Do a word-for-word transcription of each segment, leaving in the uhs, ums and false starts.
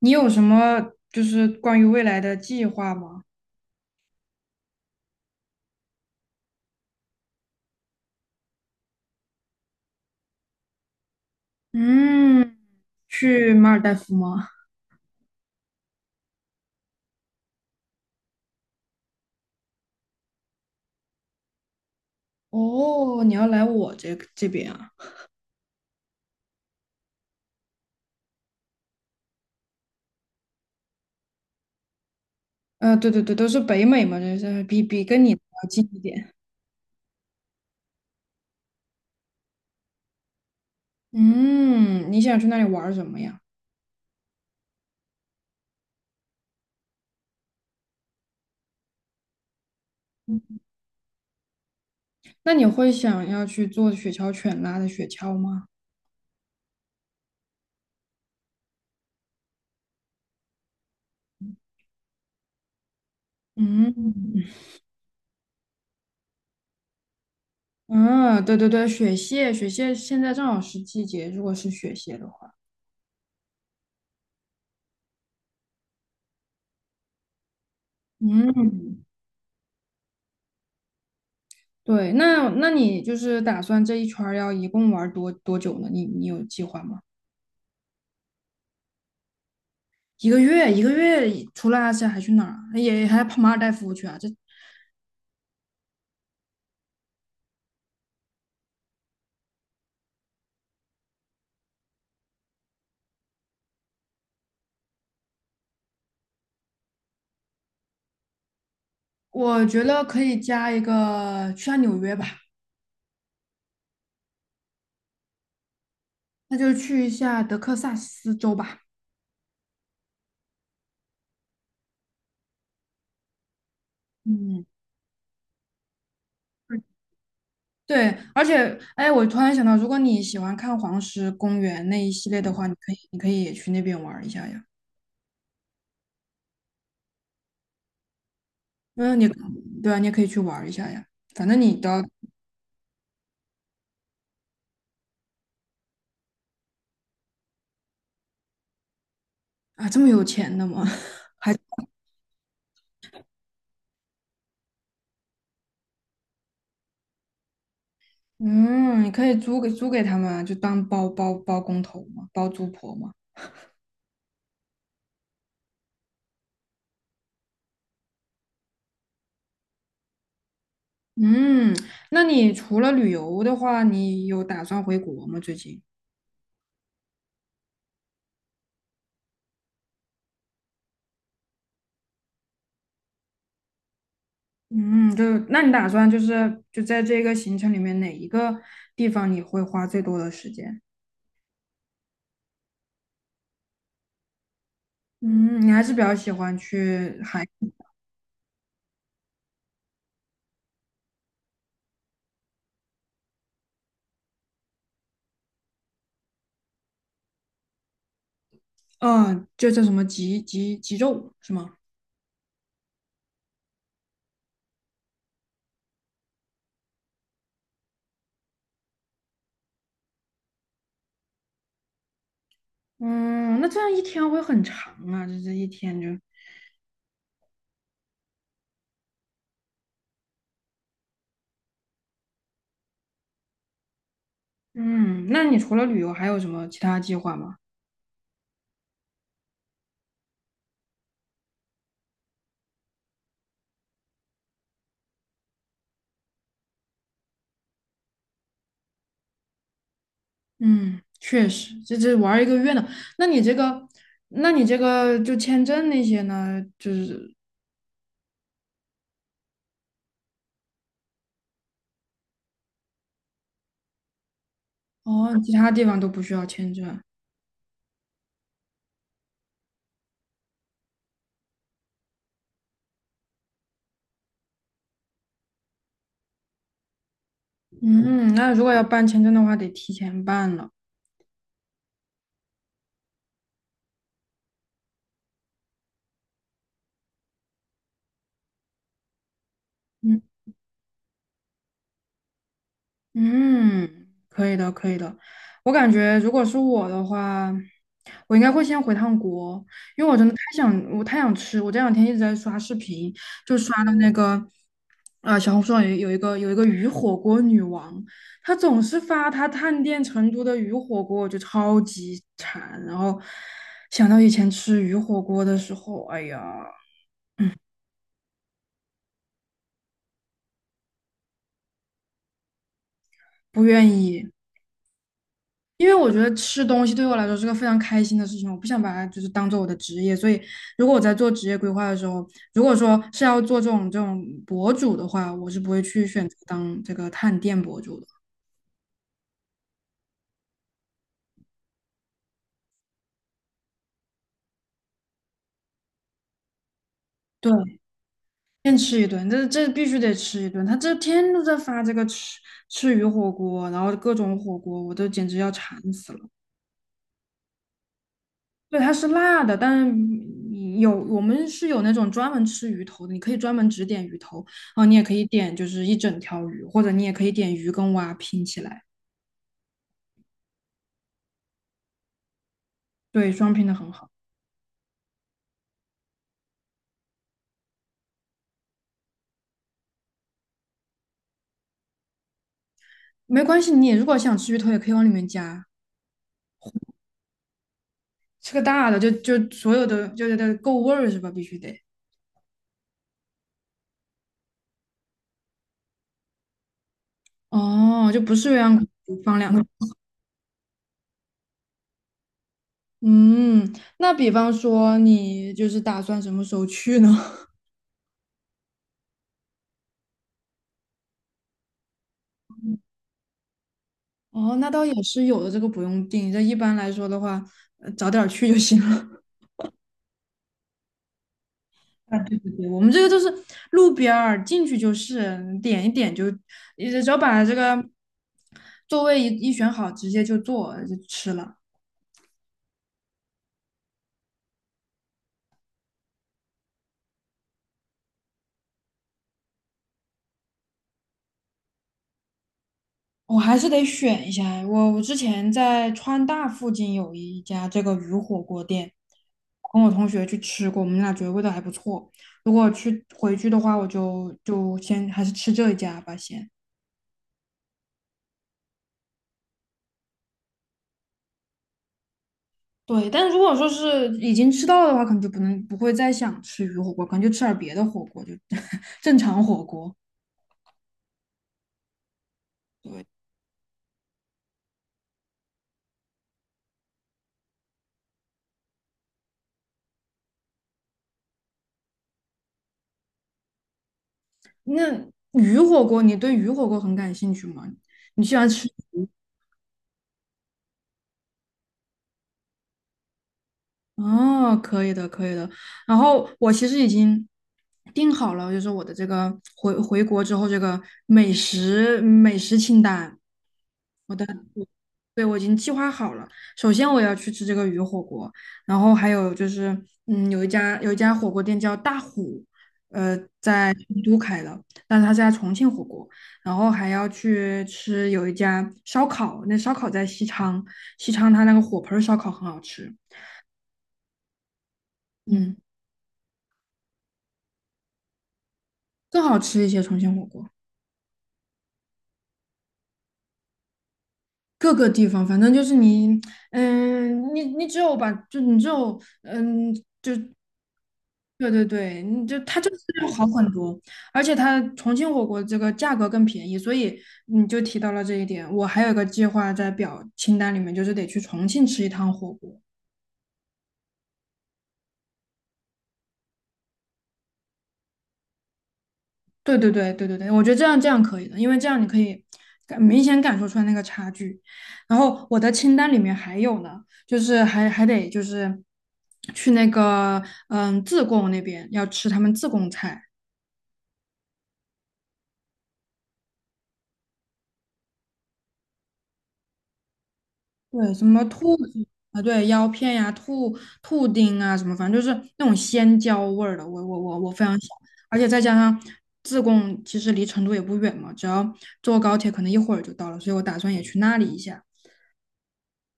你有什么就是关于未来的计划吗？嗯，去马尔代夫吗？哦，你要来我这这边啊？呃，对对对，都是北美嘛，这是比比跟你要近一点。嗯，你想去那里玩儿什么呀？那你会想要去做雪橇犬拉的雪橇吗？嗯。嗯，对对对，雪蟹，雪蟹现在正好是季节，如果是雪蟹的话。嗯，对，那那你就是打算这一圈儿要一共玩儿多多久呢？你你有计划吗？一个月，一个月里除了阿斯还去哪儿啊也还跑马尔代夫去啊？这我觉得可以加一个去下纽约吧。那就去一下德克萨斯州吧。嗯，对，而且哎，我突然想到，如果你喜欢看黄石公园那一系列的话，你可以你可以也去那边玩儿一下呀。嗯，你对啊，你也可以去玩儿一下呀。反正你都要啊这么有钱的吗？嗯，你可以租给租给他们啊，就当包包包工头嘛，包租婆嘛。嗯，那你除了旅游的话，你有打算回国吗？最近？嗯，就那你打算就是就在这个行程里面哪一个地方你会花最多的时间？嗯，你还是比较喜欢去海。嗯，就叫什么极极极昼是吗？嗯，那这样一天会很长啊，就这一天就。嗯，那你除了旅游还有什么其他计划吗？嗯，确实，这这玩儿一个月呢。那你这个，那你这个就签证那些呢，就是哦，其他地方都不需要签证。嗯，那如果要办签证的话，得提前办了。嗯嗯，可以的，可以的。我感觉如果是我的话，我应该会先回趟国，想我太想吃，我这两天一直在刷视频，就刷到那个，啊，小红书上有有一个有一个鱼火锅女王，她总是发她探店成都的鱼火锅，我就超级馋。然后想到以前吃鱼火锅的时候，哎呀，不愿意，因为我觉得吃东西对我来说是个非常开心的事情，我不想把它就是当做我的职业。所以如果我在做职业规划的时候，如果说是要做这种这种博主的话，我是不会去选择当这个探店博主的。对，先吃一顿，这这必须得吃一顿。他这天天都在发这个吃吃鱼火锅，然后各种火锅，我都简直要馋死了。对，它是辣的，但是有我们是有那种专门吃鱼头的，你可以专门只点鱼头，然后你也可以点就是一整条鱼，或者你也可以点鱼跟蛙拼起来。对，双拼的很好。没关系，你如果想吃鱼头，也可以往里面加。吃个大的就就所有的就是得够味儿是吧？必须得。哦，就不是鸳鸯锅放两个。嗯，那比方说你就是打算什么时候去呢？哦，那倒也是有的，这个不用定。这一般来说的话，呃早点儿去就行了。啊，对对对，我们这个就是路边儿进去就是，点一点就，你只要把这个座位一一选好，直接就坐就吃了。我还是得选一下。我我之前在川大附近有一家这个鱼火锅店，跟我同学去吃过，我们俩觉得味道还不错。如果去回去的话，我就就先还是吃这一家吧，先。对，但如果说是已经吃到了的话，可能就不能不会再想吃鱼火锅，可能就吃点儿别的火锅，就 正常火锅。对，那鱼火锅，你对鱼火锅很感兴趣吗？你喜欢吃鱼哦，可以的，可以的。然后我其实已经定好了，就是我的这个回回国之后这个美食美食清单。我的，对，我已经计划好了。首先我要去吃这个鱼火锅，然后还有就是，嗯，有一家有一家火锅店叫大虎，呃，在成都开的，但是他是在重庆火锅。然后还要去吃有一家烧烤，那烧烤在西昌，西昌它那个火盆儿烧烤很好吃。嗯。更好吃一些重庆火锅。各个地方，反正就是你，嗯，你你只有把，就你只有，嗯，对对对，你就它就是要好很多。而且它重庆火锅这个价格更便宜，所以你就提到了这一点。我还有一个计划在表清单里面，就是得去重庆吃一趟火锅。对对对对对对，我觉得这样这样可以的，因为这样你可以感明显感受出来那个差距。然后我的清单里面还有呢，就是还还得就是去那个嗯自贡那边要吃他们自贡菜。对，什么兔子啊，对，腰片呀、兔兔丁啊，什么反正就是那种鲜椒味儿的，我我我我非常喜欢。而且再加上自贡其实离成都也不远嘛，只要坐高铁可能一会儿就到了，所以我打算也去那里一下。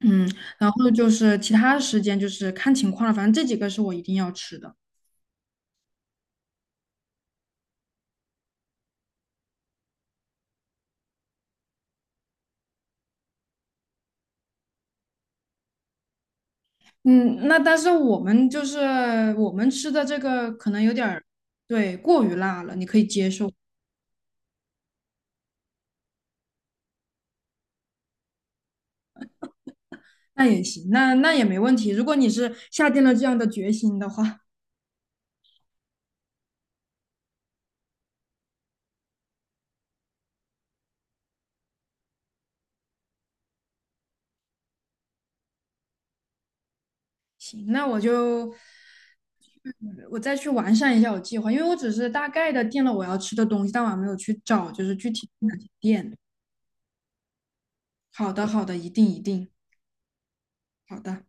嗯，然后就是其他的时间就是看情况了，反正这几个是我一定要吃的。嗯，那但是我们就是我们吃的这个可能有点儿，对，过于辣了，你可以接受，那也行，那那也没问题。如果你是下定了这样的决心的话，行，那我就我再去完善一下我计划，因为我只是大概的定了我要吃的东西，但我还没有去找就是具体哪些店。好的，好的，一定一定，好的。